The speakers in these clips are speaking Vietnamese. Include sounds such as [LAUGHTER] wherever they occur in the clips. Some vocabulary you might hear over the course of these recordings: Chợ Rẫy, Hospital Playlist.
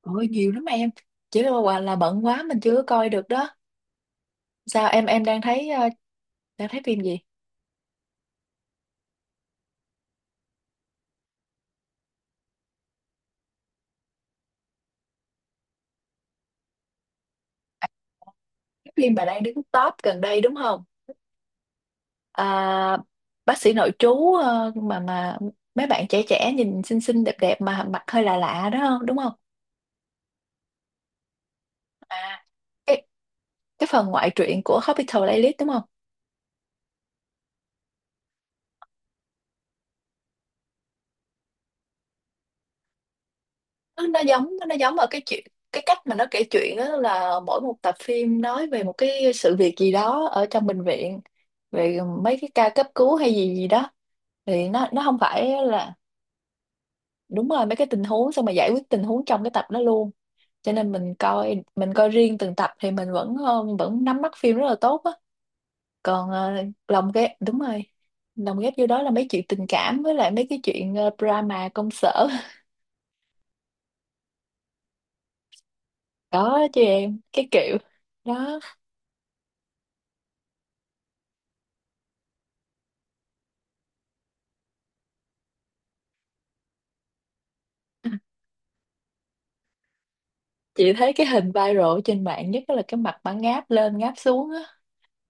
Ôi nhiều lắm em. Chỉ là, quả là bận quá mình chưa có coi được đó. Sao em đang thấy đang thấy phim gì? Cái phim bà đang đứng top gần đây đúng không? à, Bác sĩ nội trú, ờ, mà mấy bạn trẻ trẻ nhìn xinh xinh đẹp đẹp mà mặt hơi lạ lạ đó không đúng không? à cái cái phần ngoại truyện của Hospital Playlist đúng không? Nó giống ở cái chuyện, cái cách mà nó kể chuyện đó là mỗi một tập phim nói về một cái sự việc gì đó ở trong bệnh viện, về mấy cái ca cấp cứu hay gì gì đó. Thì nó không phải là, đúng rồi, mấy cái tình huống xong mà giải quyết tình huống trong cái tập đó luôn. Cho nên mình coi riêng từng tập thì mình vẫn vẫn nắm bắt phim rất là tốt á. Còn lồng ghép, đúng rồi, lồng ghép vô đó là mấy chuyện tình cảm với lại mấy cái chuyện drama công sở. [LAUGHS] Đó chứ em, cái kiểu đó. Chị thấy cái hình viral ở trên mạng nhất là cái mặt mà ngáp lên ngáp xuống á,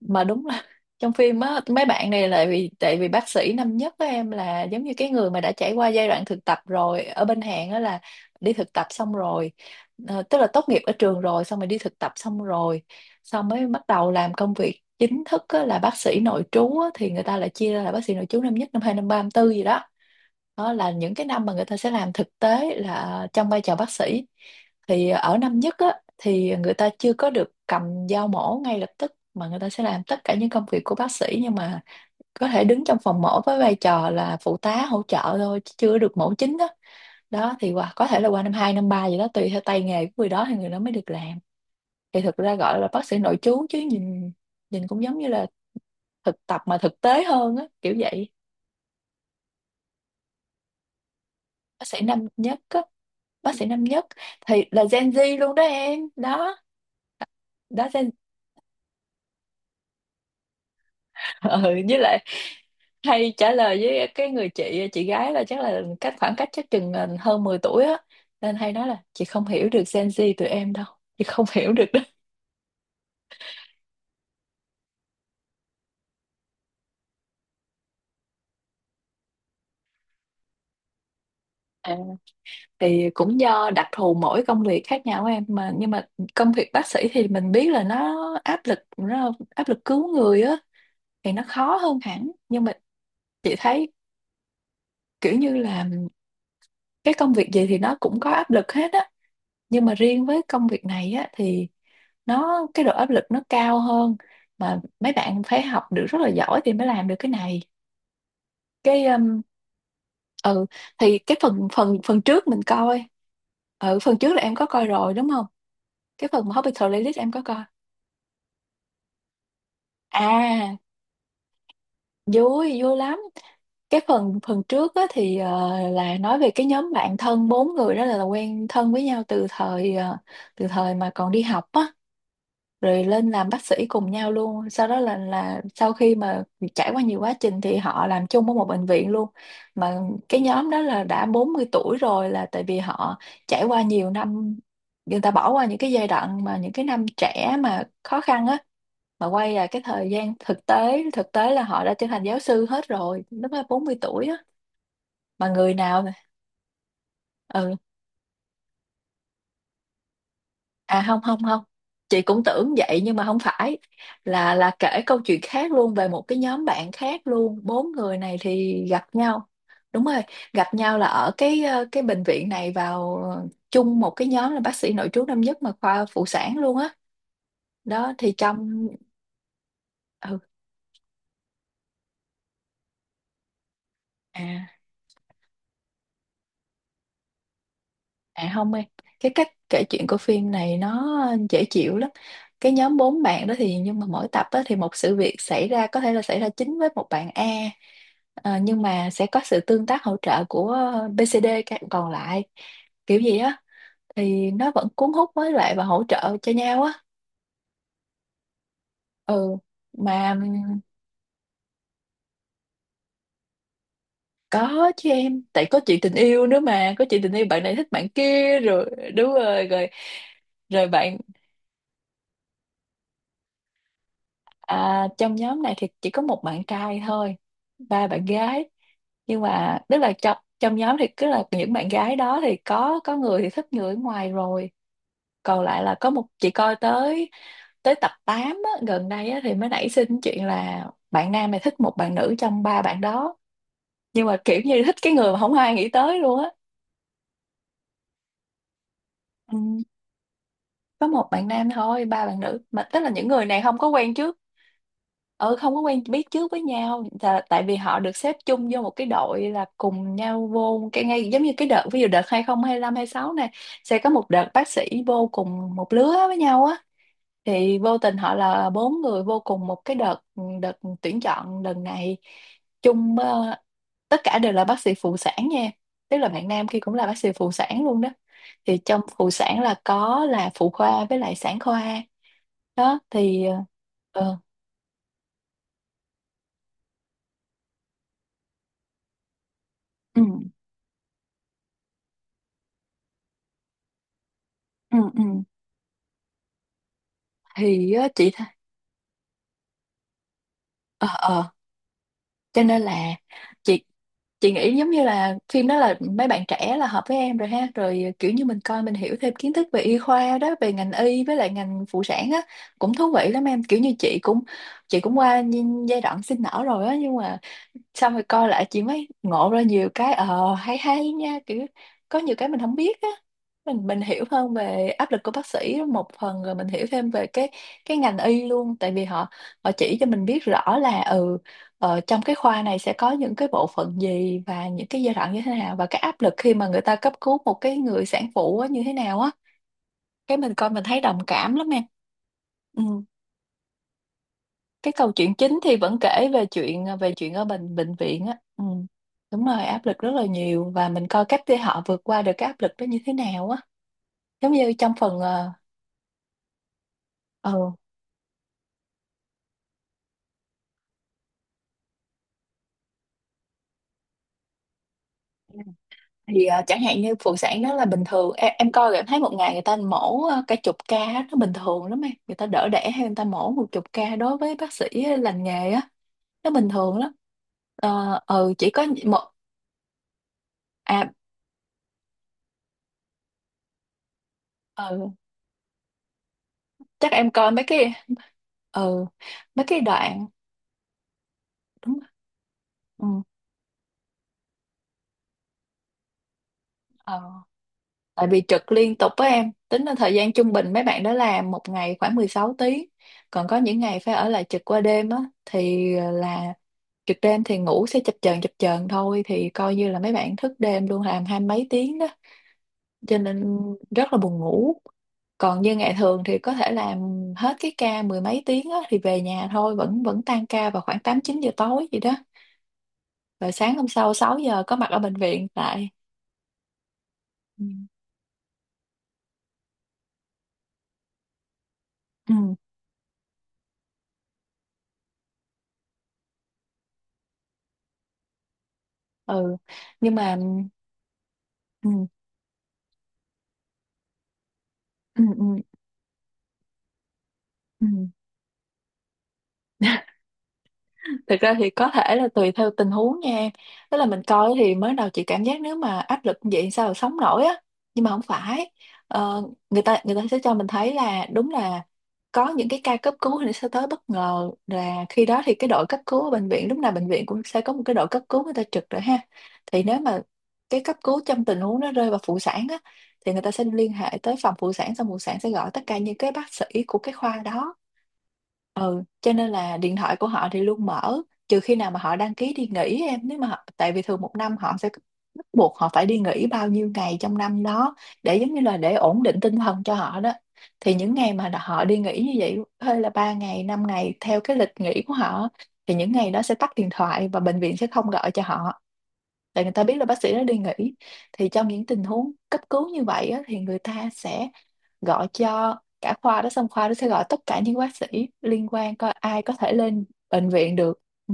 mà đúng là [LAUGHS] trong phim á, mấy bạn này lại vì tại vì bác sĩ năm nhất của em là giống như cái người mà đã trải qua giai đoạn thực tập rồi ở bên Hàn á, là đi thực tập xong rồi. Tức là tốt nghiệp ở trường rồi, xong rồi đi thực tập xong rồi, xong mới bắt đầu làm công việc chính thức á, là bác sĩ nội trú á, thì người ta lại chia ra là bác sĩ nội trú năm nhất, năm hai, năm ba, năm tư gì đó. Đó là những cái năm mà người ta sẽ làm thực tế là trong vai trò bác sĩ. Thì ở năm nhất á, thì người ta chưa có được cầm dao mổ ngay lập tức mà người ta sẽ làm tất cả những công việc của bác sĩ, nhưng mà có thể đứng trong phòng mổ với vai trò là phụ tá hỗ trợ thôi chứ chưa được mổ chính đó. Đó thì qua, có thể là qua năm 2 năm 3 gì đó tùy theo tay nghề của người đó thì người đó mới được làm. Thì thực ra gọi là bác sĩ nội trú chứ nhìn, nhìn cũng giống như là thực tập mà thực tế hơn á, kiểu vậy. Bác sĩ năm nhất á, bác sĩ năm nhất thì là Gen Z luôn đó em. Đó đó Gen [LAUGHS] ừ, với lại hay trả lời với cái người chị gái là chắc là khoảng cách chắc chừng hơn 10 tuổi á, nên hay nói là chị không hiểu được Gen Z tụi em đâu, chị không [LAUGHS] hiểu được đó. À, thì cũng do đặc thù mỗi công việc khác nhau em, mà nhưng mà công việc bác sĩ thì mình biết là nó áp lực, nó áp lực cứu người á thì nó khó hơn hẳn. Nhưng mà chị thấy kiểu như là cái công việc gì thì nó cũng có áp lực hết á, nhưng mà riêng với công việc này á thì nó, cái độ áp lực nó cao hơn, mà mấy bạn phải học được rất là giỏi thì mới làm được cái này. Cái ừ, thì cái phần phần phần trước mình coi, ừ, phần trước là em có coi rồi đúng không? Cái phần mà Hospital Playlist em có coi, à vui, vui lắm. Cái phần phần trước á, thì là nói về cái nhóm bạn thân bốn người đó, là quen thân với nhau từ thời từ thời mà còn đi học á, rồi lên làm bác sĩ cùng nhau luôn. Sau đó là sau khi mà trải qua nhiều quá trình thì họ làm chung ở một bệnh viện luôn, mà cái nhóm đó là đã 40 tuổi rồi, là tại vì họ trải qua nhiều năm, người ta bỏ qua những cái giai đoạn mà những cái năm trẻ mà khó khăn á, mà quay lại cái thời gian thực tế, thực tế là họ đã trở thành giáo sư hết rồi, lúc đó 40 tuổi á, mà người nào ừ, À không không không, chị cũng tưởng vậy nhưng mà không phải, là kể câu chuyện khác luôn về một cái nhóm bạn khác luôn, bốn người này thì gặp nhau, đúng rồi, gặp nhau là ở cái cái bệnh viện này, vào chung một cái nhóm là bác sĩ nội trú năm nhất mà khoa phụ sản luôn á. Đó, thì trong, ừ, à, À không em, cái cách kể chuyện của phim này nó dễ chịu lắm. Cái nhóm bốn bạn đó thì, nhưng mà mỗi tập đó thì một sự việc xảy ra có thể là xảy ra chính với một bạn A. Ờ, nhưng mà sẽ có sự tương tác hỗ trợ của BCD, các bạn còn lại, kiểu gì á thì nó vẫn cuốn hút với lại và hỗ trợ cho nhau á. Ừ, mà có chứ em, tại có chuyện tình yêu nữa mà, có chuyện tình yêu bạn này thích bạn kia rồi, đúng rồi rồi, rồi bạn. À, trong nhóm này thì chỉ có một bạn trai thôi, ba bạn gái. Nhưng mà tức là trong trong nhóm thì cứ là những bạn gái đó thì có người thì thích người ở ngoài rồi. Còn lại là có một chị coi tới, tới tập 8 á, gần đây á, thì mới nảy sinh chuyện là bạn nam này thích một bạn nữ trong ba bạn đó. Nhưng mà kiểu như thích cái người mà không ai nghĩ tới luôn á. Ừ. Có một bạn nam thôi, ba bạn nữ, mà tức là những người này không có quen trước, ừ, không có quen biết trước với nhau là tại vì họ được xếp chung vô một cái đội, là cùng nhau vô một cái ngay, giống như cái đợt, ví dụ đợt 2025 sáu này sẽ có một đợt bác sĩ vô cùng một lứa với nhau á, thì vô tình họ là bốn người vô cùng một cái đợt đợt tuyển chọn lần này chung. Ờ, Tất cả đều là bác sĩ phụ sản nha, tức là bạn nam kia cũng là bác sĩ phụ sản luôn đó. Thì trong phụ sản là có là phụ khoa với lại sản khoa. Đó thì ờ, ừ ừ ừ thì chị thấy, ờ ờ cho nên là chị chị nghĩ giống như là phim đó là mấy bạn trẻ là hợp với em rồi ha, rồi kiểu như mình coi mình hiểu thêm kiến thức về y khoa đó, về ngành y với lại ngành phụ sản á, cũng thú vị lắm em, kiểu như chị cũng, chị cũng qua giai đoạn sinh nở rồi á, nhưng mà xong rồi coi lại chị mới ngộ ra nhiều cái hay hay nha, kiểu có nhiều cái mình không biết á, mình hiểu hơn về áp lực của bác sĩ một phần, rồi mình hiểu thêm về cái ngành y luôn, tại vì họ, họ chỉ cho mình biết rõ là trong cái khoa này sẽ có những cái bộ phận gì và những cái giai đoạn như thế nào, và cái áp lực khi mà người ta cấp cứu một cái người sản phụ á, như thế nào á, cái mình coi mình thấy đồng cảm lắm em. Ừ. Cái câu chuyện chính thì vẫn kể về chuyện về chuyện ở bệnh bệnh viện á. Ừ. Đúng rồi, áp lực rất là nhiều và mình coi cách để họ vượt qua được cái áp lực đó như thế nào á. Giống như trong phần ừ, thì chẳng hạn như phụ sản đó là bình thường em coi rồi em thấy một ngày người ta mổ cả chục ca á, nó bình thường lắm em. Người ta đỡ đẻ hay người ta mổ một chục ca đối với bác sĩ lành nghề á, nó bình thường lắm. Chỉ có một. à ừ, Chắc em coi mấy cái, ừ, mấy cái đoạn đúng. ừ, ờ, Tại vì trực liên tục, với em tính là thời gian trung bình mấy bạn đó làm một ngày khoảng 16 tiếng, còn có những ngày phải ở lại trực qua đêm á. Thì là trực đêm thì ngủ sẽ chập chờn thôi, thì coi như là mấy bạn thức đêm luôn, làm hai mấy tiếng đó, cho nên rất là buồn ngủ. Còn như ngày thường thì có thể làm hết cái ca mười mấy tiếng á, thì về nhà thôi, vẫn vẫn tan ca vào khoảng 8 9 giờ tối gì đó. Rồi sáng hôm sau 6 giờ có mặt ở bệnh viện lại. ừ ừ ừ. Nhưng mà ừ ừ ừ, ừ. thực ra thì có thể là tùy theo tình huống nha em. Tức là mình coi thì mới đầu chị cảm giác nếu mà áp lực như vậy sao mà sống nổi á. Nhưng mà không phải. Ờ, Người ta, người ta sẽ cho mình thấy là đúng là có những cái ca cấp cứu thì nó sẽ tới bất ngờ, là khi đó thì cái đội cấp cứu ở bệnh viện, lúc nào bệnh viện cũng sẽ có một cái đội cấp cứu người ta trực rồi ha. Thì nếu mà cái cấp cứu trong tình huống nó rơi vào phụ sản á, thì người ta sẽ liên hệ tới phòng phụ sản, xong phụ sản sẽ gọi tất cả những cái bác sĩ của cái khoa đó. Cho nên là điện thoại của họ thì luôn mở, trừ khi nào mà họ đăng ký đi nghỉ em. Nếu mà họ, tại vì thường một năm họ sẽ bắt buộc họ phải đi nghỉ bao nhiêu ngày trong năm đó, để giống như là để ổn định tinh thần cho họ đó, thì những ngày mà họ đi nghỉ như vậy hơi là 3 ngày 5 ngày theo cái lịch nghỉ của họ, thì những ngày đó sẽ tắt điện thoại và bệnh viện sẽ không gọi cho họ, tại người ta biết là bác sĩ đã đi nghỉ. Thì trong những tình huống cấp cứu như vậy á, thì người ta sẽ gọi cho cả khoa đó, xong khoa đó sẽ gọi tất cả những bác sĩ liên quan coi ai có thể lên bệnh viện được. Ừ.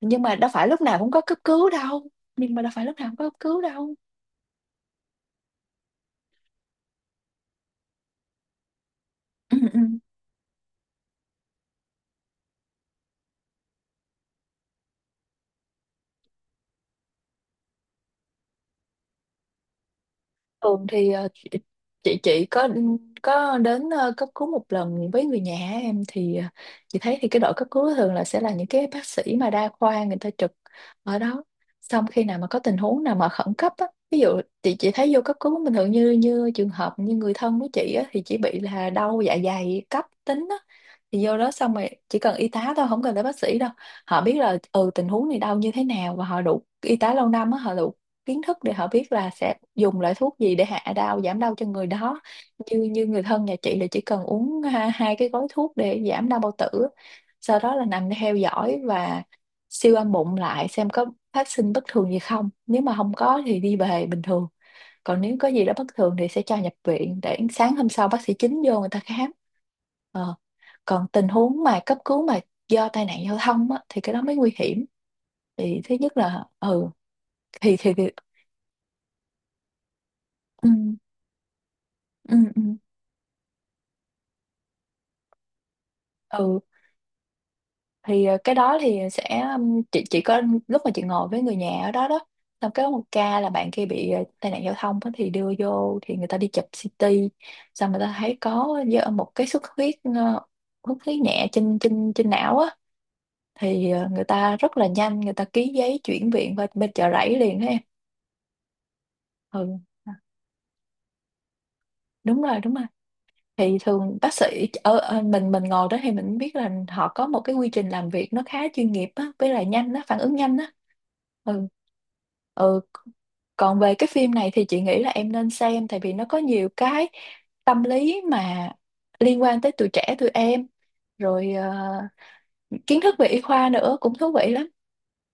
Nhưng mà đâu phải lúc nào cũng có cấp cứu đâu. Nhưng mà đâu phải lúc nào cũng có cấp cứu đâu. ừ, ừ. Thường thì chị có đến cấp cứu một lần với người nhà em. Thì chị thấy thì cái đội cấp cứu thường là sẽ là những cái bác sĩ mà đa khoa, người ta trực ở đó. Xong khi nào mà có tình huống nào mà khẩn cấp á, ví dụ chị thấy vô cấp cứu bình thường như như trường hợp như người thân của chị á thì chỉ bị là đau dạ dày cấp tính á, thì vô đó xong rồi chỉ cần y tá thôi, không cần tới bác sĩ đâu. Họ biết là ừ tình huống này đau như thế nào, và họ đủ y tá lâu năm á, họ đủ kiến thức để họ biết là sẽ dùng loại thuốc gì để hạ đau giảm đau cho người đó. Như như người thân nhà chị là chỉ cần uống hai cái gói thuốc để giảm đau bao tử, sau đó là nằm theo dõi và siêu âm bụng lại xem có phát sinh bất thường gì không. Nếu mà không có thì đi về bình thường, còn nếu có gì đó bất thường thì sẽ cho nhập viện để sáng hôm sau bác sĩ chính vô người ta khám. Ờ. Còn tình huống mà cấp cứu mà do tai nạn giao thông á, thì cái đó mới nguy hiểm. Thì thứ nhất là ừ thì ừ. ừ ừ ừ thì cái đó thì sẽ chị chỉ có lúc mà chị ngồi với người nhà ở đó đó, xong cái có một ca là bạn kia bị tai nạn giao thông á, thì đưa vô thì người ta đi chụp CT, xong người ta thấy có do một cái xuất huyết xuất huyết nhẹ trên trên trên não á. Thì người ta rất là nhanh, người ta ký giấy chuyển viện qua bên chợ rẫy liền đó em. ừ à, Đúng rồi, đúng rồi. Thì thường bác sĩ ở, ở mình ngồi đó thì mình biết là họ có một cái quy trình làm việc nó khá chuyên nghiệp á, với lại nhanh á, phản ứng nhanh á. ừ ừ Còn về cái phim này thì chị nghĩ là em nên xem, tại vì nó có nhiều cái tâm lý mà liên quan tới tuổi trẻ tụi em, rồi kiến thức về y khoa nữa cũng thú vị lắm.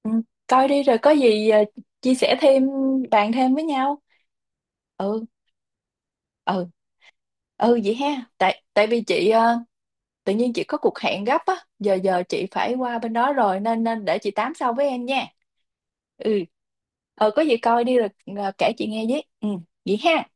Ừ, coi đi rồi có gì chia sẻ thêm, bàn thêm với nhau. ừ ừ Vậy ha, tại tại vì chị ờ, tự nhiên chị có cuộc hẹn gấp á, giờ giờ chị phải qua bên đó rồi, nên nên để chị tám sau với em nha. Ừ, ờ có gì coi đi rồi à, kể chị nghe với. Ừ vậy ha.